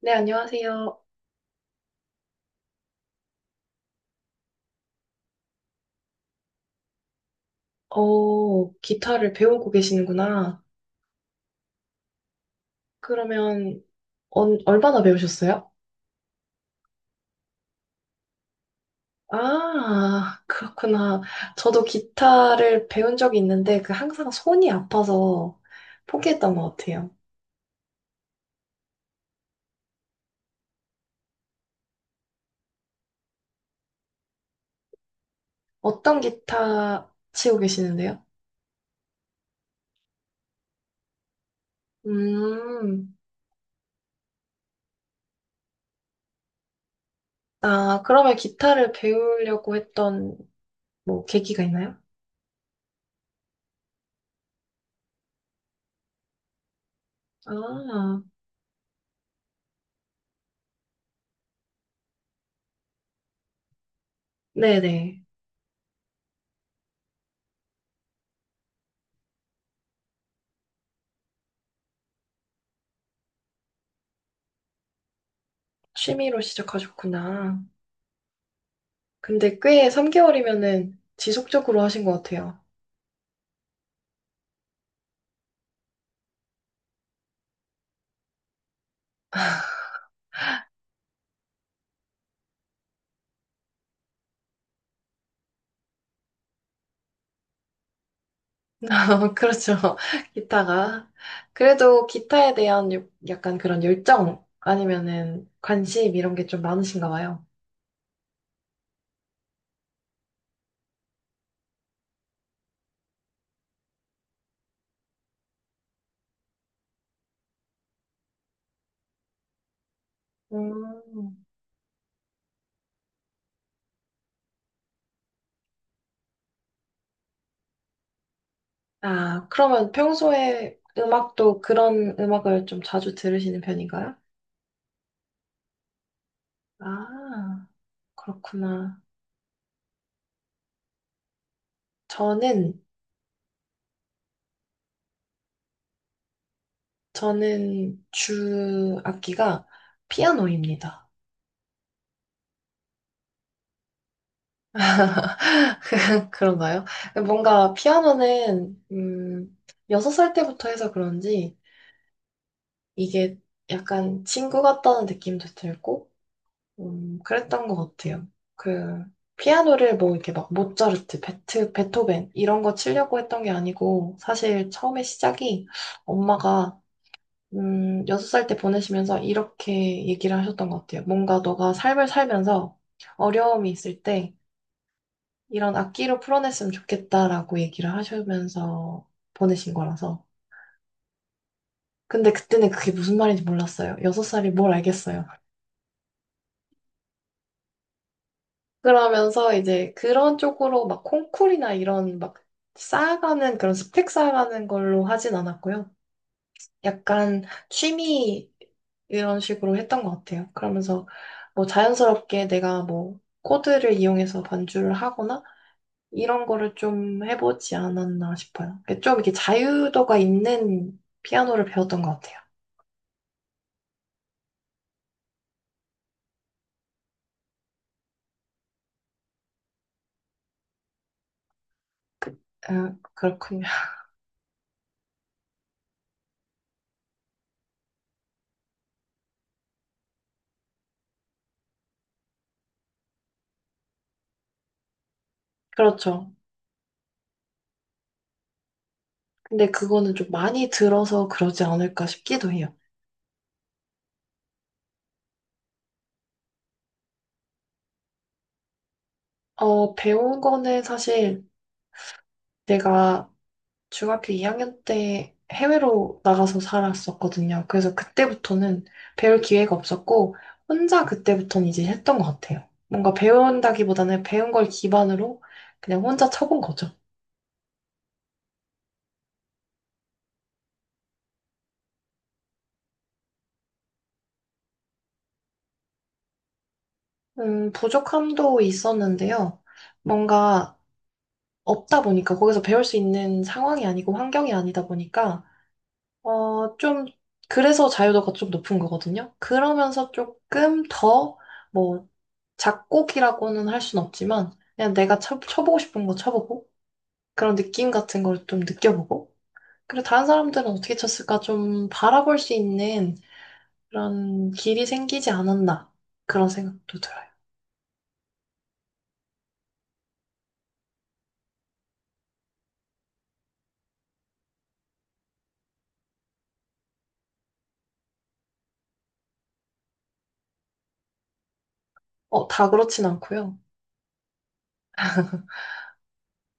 네, 안녕하세요. 어, 기타를 배우고 계시는구나. 그러면, 얼마나 배우셨어요? 아, 그렇구나. 저도 기타를 배운 적이 있는데, 그 항상 손이 아파서 포기했던 것 같아요. 어떤 기타 치고 계시는데요? 음. 아, 그러면 기타를 배우려고 했던, 뭐, 계기가 있나요? 아, 네네. 취미로 시작하셨구나. 근데 꽤 3개월이면은 지속적으로 하신 것 같아요. 그렇죠. 기타가. 그래도 기타에 대한 요- 약간 그런 열정 아니면은 관심 이런 게 좀 많으신가 봐요. 음. 아, 그러면 평소에 음악도 그런 음악을 좀 자주 들으시는 편인가요? 아, 그렇구나. 저는, 저는 주 악기가 피아노입니다. 그런가요? 뭔가 피아노는 6살 때부터 해서 그런지 이게 약간 친구 같다는 느낌도 들고 그랬던 것 같아요. 그 피아노를 뭐 이렇게 막 모차르트, 베토벤 이런 거 치려고 했던 게 아니고 사실 처음에 시작이 엄마가 6살 때 보내시면서 이렇게 얘기를 하셨던 것 같아요. 뭔가 너가 삶을 살면서 어려움이 있을 때 이런 악기로 풀어냈으면 좋겠다라고 얘기를 하시면서 보내신 거라서. 근데 그때는 그게 무슨 말인지 몰랐어요. 여섯 살이 뭘 알겠어요. 그러면서 이제 그런 쪽으로 막 콩쿨이나 이런 막 쌓아가는 그런 스펙 쌓아가는 걸로 하진 않았고요. 약간 취미 이런 식으로 했던 것 같아요. 그러면서 뭐 자연스럽게 내가 뭐 코드를 이용해서 반주를 하거나 이런 거를 좀 해보지 않았나 싶어요. 그러니까 좀 이렇게 자유도가 있는 피아노를 배웠던 것 같아요. 그렇군요. 그렇죠. 근데 그거는 좀 많이 들어서 그러지 않을까 싶기도 해요. 어, 배운 거는 사실 내가 중학교 2학년 때 해외로 나가서 살았었거든요. 그래서 그때부터는 배울 기회가 없었고, 혼자 그때부터는 이제 했던 것 같아요. 뭔가 배운다기보다는 배운 걸 기반으로 그냥 혼자 쳐본 거죠. 부족함도 있었는데요. 뭔가 없다 보니까 거기서 배울 수 있는 상황이 아니고 환경이 아니다 보니까 어, 좀 그래서 자유도가 좀 높은 거거든요. 그러면서 조금 더 뭐 작곡이라고는 할 순 없지만 그냥 내가 쳐보고 싶은 거 쳐보고 그런 느낌 같은 걸 좀 느껴보고 그리고 다른 사람들은 어떻게 쳤을까 좀 바라볼 수 있는 그런 길이 생기지 않았나 그런 생각도 들어요. 어, 다 그렇진 않고요.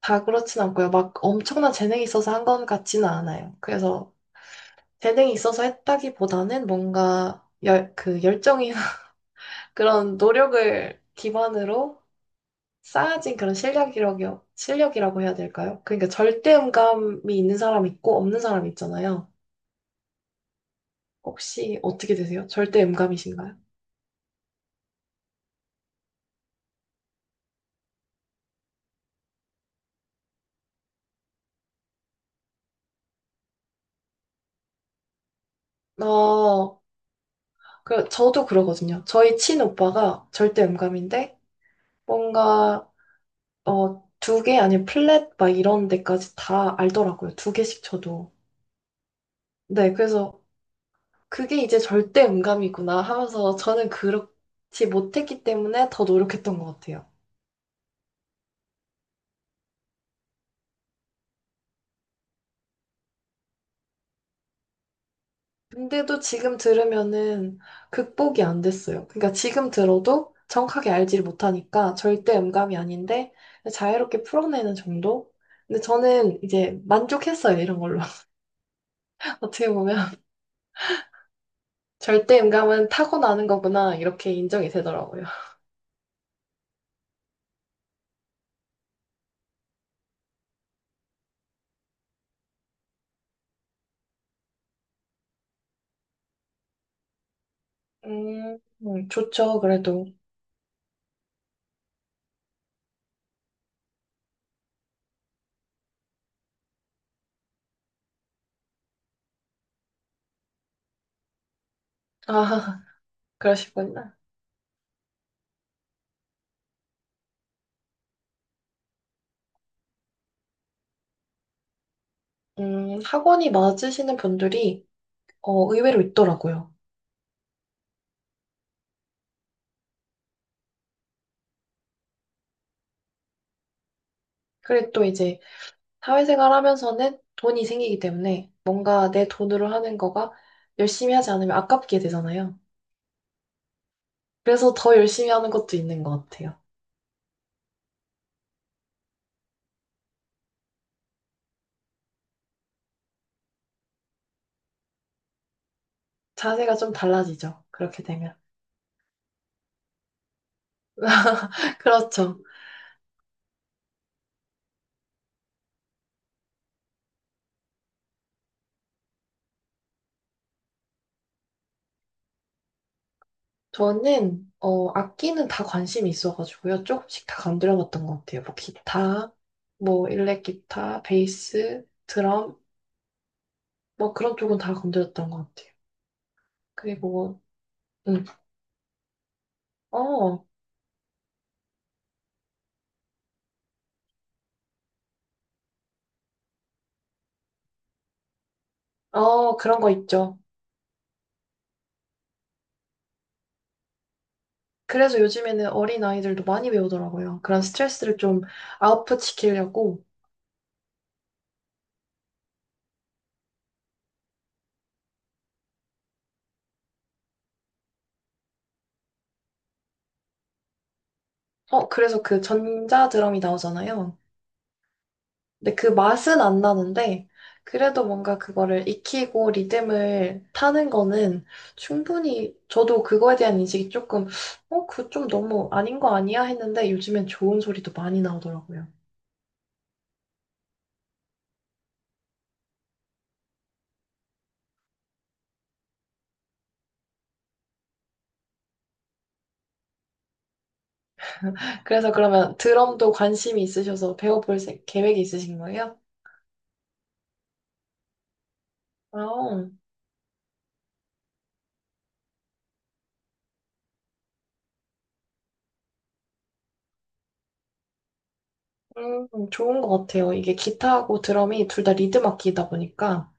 다 그렇진 않고요. 막 엄청난 재능이 있어서 한 건 같지는 않아요. 그래서 재능이 있어서 했다기보다는 뭔가 그 열정이 그런 노력을 기반으로 쌓아진 그런 실력이라고, 실력이라고 해야 될까요? 그러니까 절대음감이 있는 사람 있고 없는 사람 있잖아요. 혹시 어떻게 되세요? 절대음감이신가요? 어, 그, 저도 그러거든요. 저희 친오빠가 절대음감인데 뭔가 어, 두 개 아니면 플랫 막 이런 데까지 다 알더라고요. 두 개씩 쳐도. 네, 그래서 그게 이제 절대 음감이구나 하면서 저는 그렇지 못했기 때문에 더 노력했던 것 같아요. 근데도 지금 들으면은 극복이 안 됐어요. 그러니까 지금 들어도 정확하게 알지를 못하니까 절대 음감이 아닌데 자유롭게 풀어내는 정도? 근데 저는 이제 만족했어요, 이런 걸로. 어떻게 보면 절대 음감은 타고나는 거구나 이렇게 인정이 되더라고요. 음, 좋죠, 그래도. 아, 그러시구나. 학원이 맞으시는 분들이 어, 의외로 있더라고요. 그리고 또 이제 사회생활 하면서는 돈이 생기기 때문에 뭔가 내 돈으로 하는 거가 열심히 하지 않으면 아깝게 되잖아요. 그래서 더 열심히 하는 것도 있는 것 같아요. 자세가 좀 달라지죠, 그렇게 되면. 그렇죠. 저는 어 악기는 다 관심이 있어가지고요. 조금씩 다 건드려봤던 것 같아요. 뭐 기타, 뭐 일렉 기타, 베이스, 드럼, 뭐 그런 쪽은 다 건드렸던 것 같아요. 그리고 음, 어, 어 그런 거 있죠. 그래서 요즘에는 어린 아이들도 많이 배우더라고요. 그런 스트레스를 좀 아웃풋 시키려고. 어, 그래서 그 전자 드럼이 나오잖아요. 근데 그 맛은 안 나는데, 그래도 뭔가 그거를 익히고 리듬을 타는 거는 충분히, 저도 그거에 대한 인식이 조금, 어, 그 좀 너무 아닌 거 아니야? 했는데 요즘엔 좋은 소리도 많이 나오더라고요. 그래서 그러면 드럼도 관심이 있으셔서 배워볼 세- 계획이 있으신 거예요? 아, 좋은 것 같아요. 이게 기타하고 드럼이 둘 다 리듬 악기이다 보니까,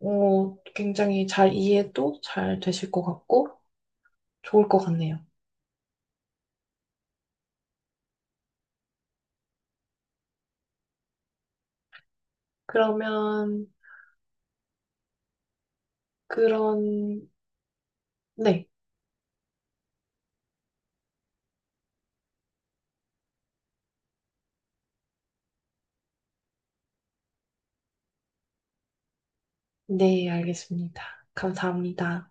어, 굉장히 잘 이해도 잘 되실 것 같고, 좋을 것 같네요. 그러면 그런, 네. 네, 알겠습니다. 감사합니다.